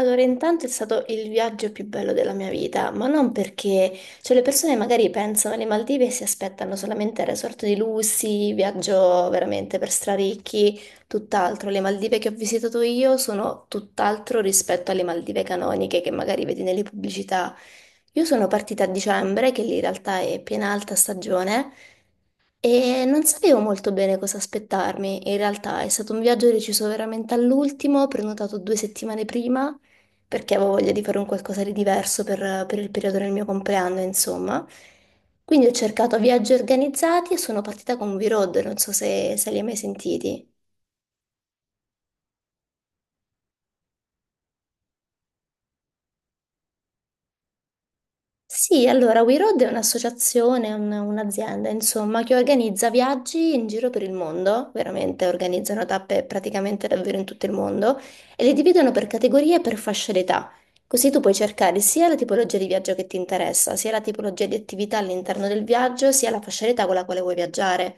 Allora, intanto è stato il viaggio più bello della mia vita, ma non perché, cioè le persone magari pensano alle Maldive e si aspettano solamente il resort di lussi, viaggio veramente per straricchi, tutt'altro. Le Maldive che ho visitato io sono tutt'altro rispetto alle Maldive canoniche che magari vedi nelle pubblicità. Io sono partita a dicembre, che lì in realtà è piena alta stagione, e non sapevo molto bene cosa aspettarmi. In realtà è stato un viaggio deciso veramente all'ultimo, prenotato 2 settimane prima, perché avevo voglia di fare un qualcosa di diverso per il periodo del mio compleanno, insomma. Quindi ho cercato viaggi organizzati e sono partita con V-Road, non so se li hai mai sentiti. Sì, allora We Road è un'associazione, un'azienda, insomma, che organizza viaggi in giro per il mondo, veramente organizzano tappe praticamente davvero in tutto il mondo e le dividono per categorie e per fasce d'età. Così tu puoi cercare sia la tipologia di viaggio che ti interessa, sia la tipologia di attività all'interno del viaggio, sia la fascia d'età con la quale vuoi viaggiare.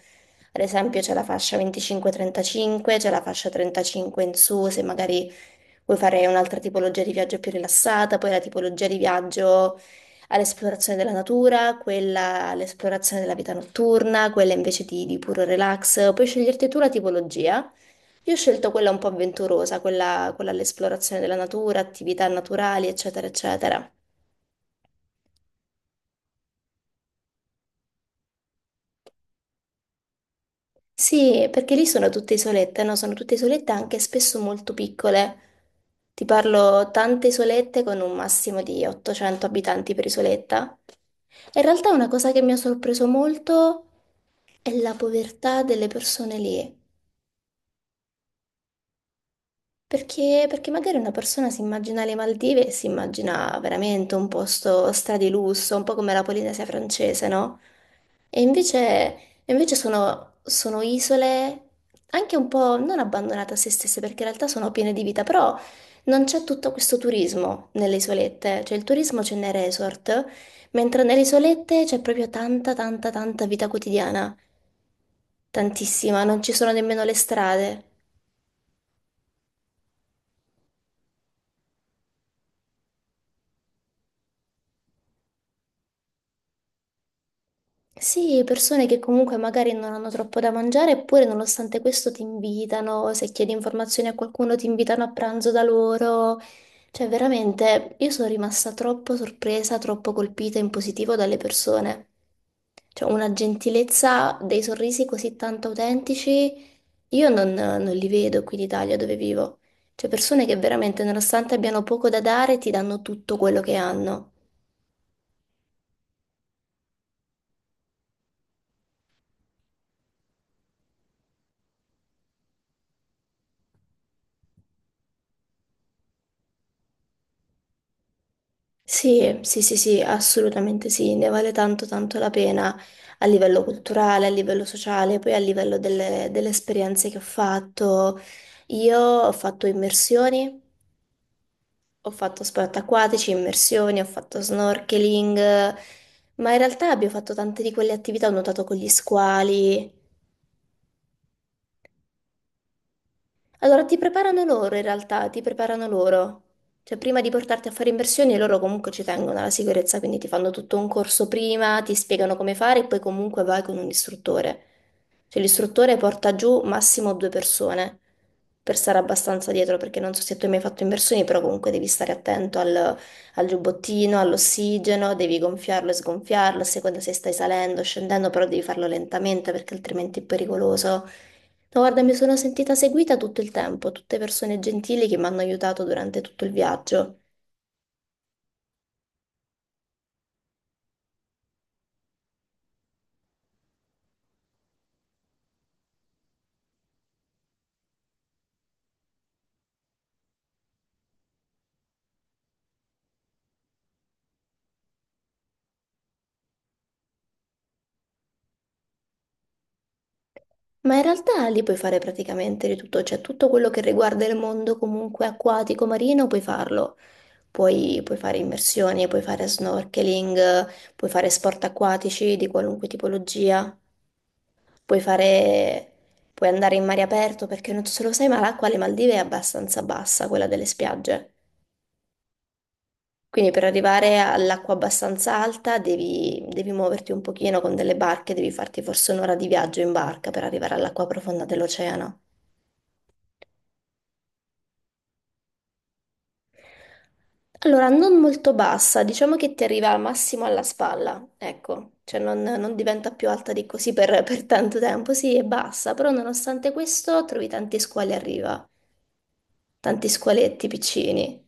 Ad esempio c'è la fascia 25-35, c'è la fascia 35 in su, se magari vuoi fare un'altra tipologia di viaggio più rilassata, poi la tipologia di viaggio all'esplorazione della natura, quella all'esplorazione della vita notturna, quella invece di puro relax. Puoi sceglierti tu la tipologia. Io ho scelto quella un po' avventurosa, quella all'esplorazione della natura, attività naturali, eccetera, eccetera. Sì, perché lì sono tutte isolette, no? Sono tutte isolette anche spesso molto piccole. Ti parlo tante isolette con un massimo di 800 abitanti per isoletta. E in realtà una cosa che mi ha sorpreso molto è la povertà delle persone lì. Perché, perché magari una persona si immagina le Maldive e si immagina veramente un posto stradi lusso, un po' come la Polinesia francese, no? E invece, e invece sono isole anche un po' non abbandonate a se stesse, perché in realtà sono piene di vita, però non c'è tutto questo turismo nelle isolette, cioè il turismo c'è nei resort, mentre nelle isolette c'è proprio tanta, tanta, tanta vita quotidiana, tantissima, non ci sono nemmeno le strade. Sì, persone che comunque magari non hanno troppo da mangiare, eppure nonostante questo ti invitano, se chiedi informazioni a qualcuno ti invitano a pranzo da loro. Cioè, veramente, io sono rimasta troppo sorpresa, troppo colpita in positivo dalle persone. Cioè, una gentilezza, dei sorrisi così tanto autentici, io non li vedo qui in Italia dove vivo. Cioè, persone che veramente, nonostante abbiano poco da dare, ti danno tutto quello che hanno. Sì, sì, sì, sì, assolutamente sì, ne vale tanto tanto la pena a livello culturale, a livello sociale, poi a livello delle esperienze che ho fatto. Io ho fatto immersioni, ho fatto sport acquatici, immersioni, ho fatto snorkeling, ma in realtà abbiamo fatto tante di quelle attività, ho nuotato con gli squali. Allora, ti preparano loro in realtà, ti preparano loro. Cioè, prima di portarti a fare immersioni, loro comunque ci tengono alla sicurezza, quindi ti fanno tutto un corso prima, ti spiegano come fare e poi comunque vai con un istruttore. Cioè, l'istruttore porta giù massimo due persone per stare abbastanza dietro, perché non so se tu hai mai fatto immersioni, però comunque devi stare attento al giubbottino, all'ossigeno, devi gonfiarlo e sgonfiarlo, a seconda se stai salendo o scendendo, però devi farlo lentamente perché altrimenti è pericoloso. No, guarda, mi sono sentita seguita tutto il tempo, tutte persone gentili che mi hanno aiutato durante tutto il viaggio. Ma in realtà lì puoi fare praticamente di tutto, cioè tutto quello che riguarda il mondo comunque acquatico marino puoi farlo. Puoi fare immersioni, puoi fare snorkeling, puoi fare sport acquatici di qualunque tipologia, puoi fare, puoi andare in mare aperto perché non so se lo sai, ma l'acqua alle Maldive è abbastanza bassa, quella delle spiagge. Quindi per arrivare all'acqua abbastanza alta devi muoverti un pochino con delle barche, devi farti forse un'ora di viaggio in barca per arrivare all'acqua profonda dell'oceano. Allora, non molto bassa, diciamo che ti arriva al massimo alla spalla, ecco, cioè non diventa più alta di così per, per tanto tempo, sì, è bassa, però nonostante questo trovi tanti squali a riva, tanti squaletti piccini.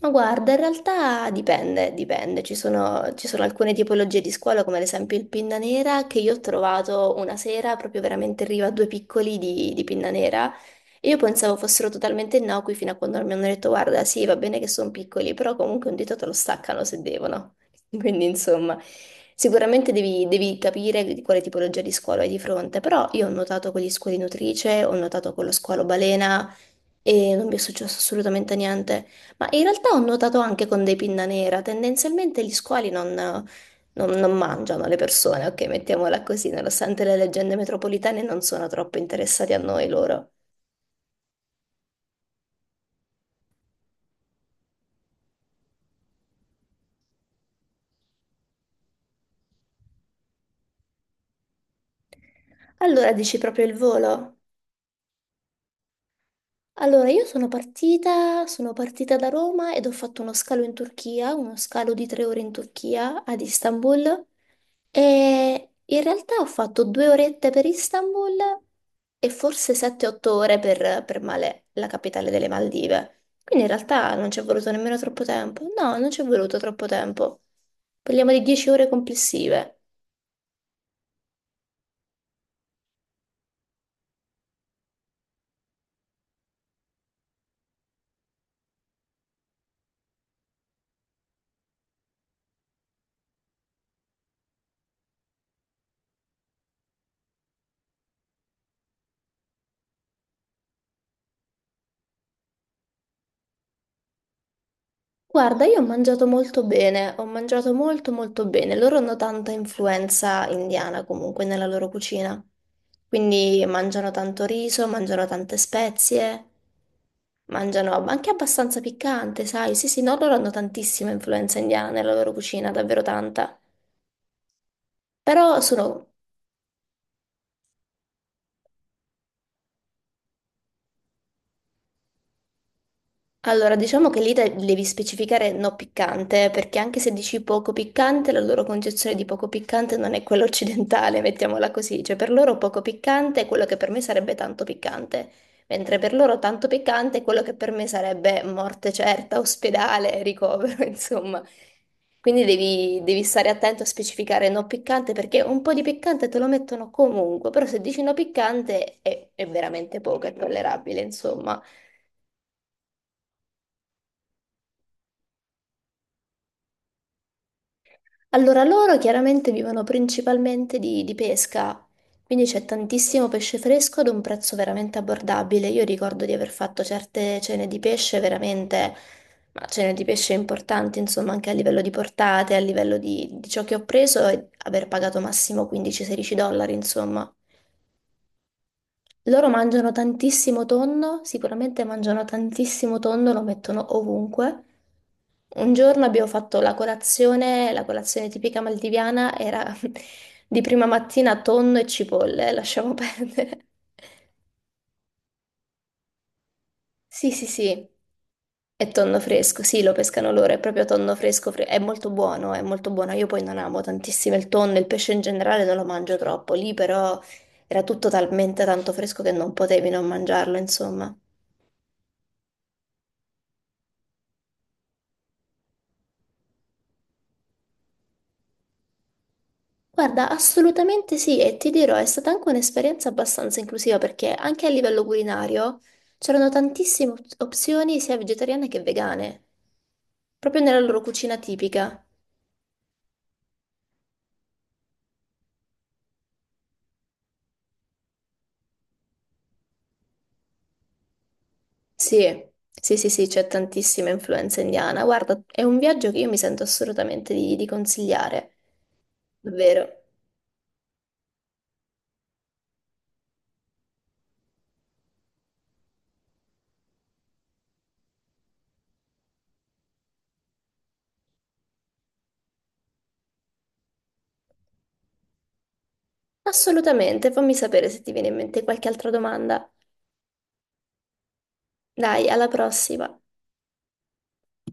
Ma guarda, in realtà dipende, dipende. Ci sono alcune tipologie di scuola, come ad esempio il pinna nera, che io ho trovato una sera proprio veramente in riva a due piccoli di pinna nera e Io pensavo fossero totalmente innocui fino a quando mi hanno detto, guarda, sì, va bene che sono piccoli, però comunque un dito te lo staccano se devono. Quindi, insomma, sicuramente devi capire di quale tipologia di squalo hai di fronte, però io ho notato con gli squali nutrice, ho notato con lo squalo balena e non mi è successo assolutamente niente. Ma in realtà ho notato anche con dei pinna nera, tendenzialmente gli squali non… Non mangiano le persone, ok, mettiamola così, nonostante le leggende metropolitane non sono troppo interessati a noi loro. Allora dici proprio il volo. Allora, io sono partita da Roma ed ho fatto uno scalo in Turchia, uno scalo di 3 ore in Turchia, ad Istanbul, e in realtà ho fatto 2 orette per Istanbul e forse 7-8 ore per Malé, la capitale delle Maldive. Quindi in realtà non ci è voluto nemmeno troppo tempo. No, non ci è voluto troppo tempo. Parliamo di 10 ore complessive. Guarda, io ho mangiato molto bene, ho mangiato molto molto bene. Loro hanno tanta influenza indiana comunque nella loro cucina. Quindi mangiano tanto riso, mangiano tante spezie, mangiano anche abbastanza piccante, sai? Sì, sì, no, loro hanno tantissima influenza indiana nella loro cucina, davvero tanta. Però sono allora, diciamo che lì devi specificare no piccante, perché anche se dici poco piccante, la loro concezione di poco piccante non è quella occidentale, mettiamola così. Cioè, per loro poco piccante è quello che per me sarebbe tanto piccante, mentre per loro tanto piccante è quello che per me sarebbe morte certa, ospedale, ricovero, insomma. Quindi devi stare attento a specificare no piccante, perché un po' di piccante te lo mettono comunque, però se dici no piccante è veramente poco, è tollerabile, insomma. Allora, loro chiaramente vivono principalmente di pesca, quindi c'è tantissimo pesce fresco ad un prezzo veramente abbordabile. Io ricordo di aver fatto certe cene di pesce veramente, ma cene di pesce importanti, insomma, anche a livello di portate, a livello di ciò che ho preso e aver pagato massimo 15-16 dollari, insomma. Loro mangiano tantissimo tonno, sicuramente mangiano tantissimo tonno, lo mettono ovunque. Un giorno abbiamo fatto la colazione tipica maldiviana era di prima mattina tonno e cipolle, lasciamo perdere. Sì, sì, sì, è tonno fresco, sì, lo pescano loro, è proprio tonno fresco, è molto buono, è molto buono. Io poi non amo tantissimo il tonno, il pesce in generale non lo mangio troppo, lì però era tutto talmente tanto fresco che non potevi non mangiarlo, insomma. Guarda, assolutamente sì, e ti dirò, è stata anche un'esperienza abbastanza inclusiva perché anche a livello culinario c'erano tantissime opzioni sia vegetariane che vegane, proprio nella loro cucina tipica. Sì, sì, sì, sì, c'è tantissima influenza indiana. Guarda, è un viaggio che io mi sento assolutamente di consigliare, davvero. Assolutamente, fammi sapere se ti viene in mente qualche altra domanda. Dai, alla prossima.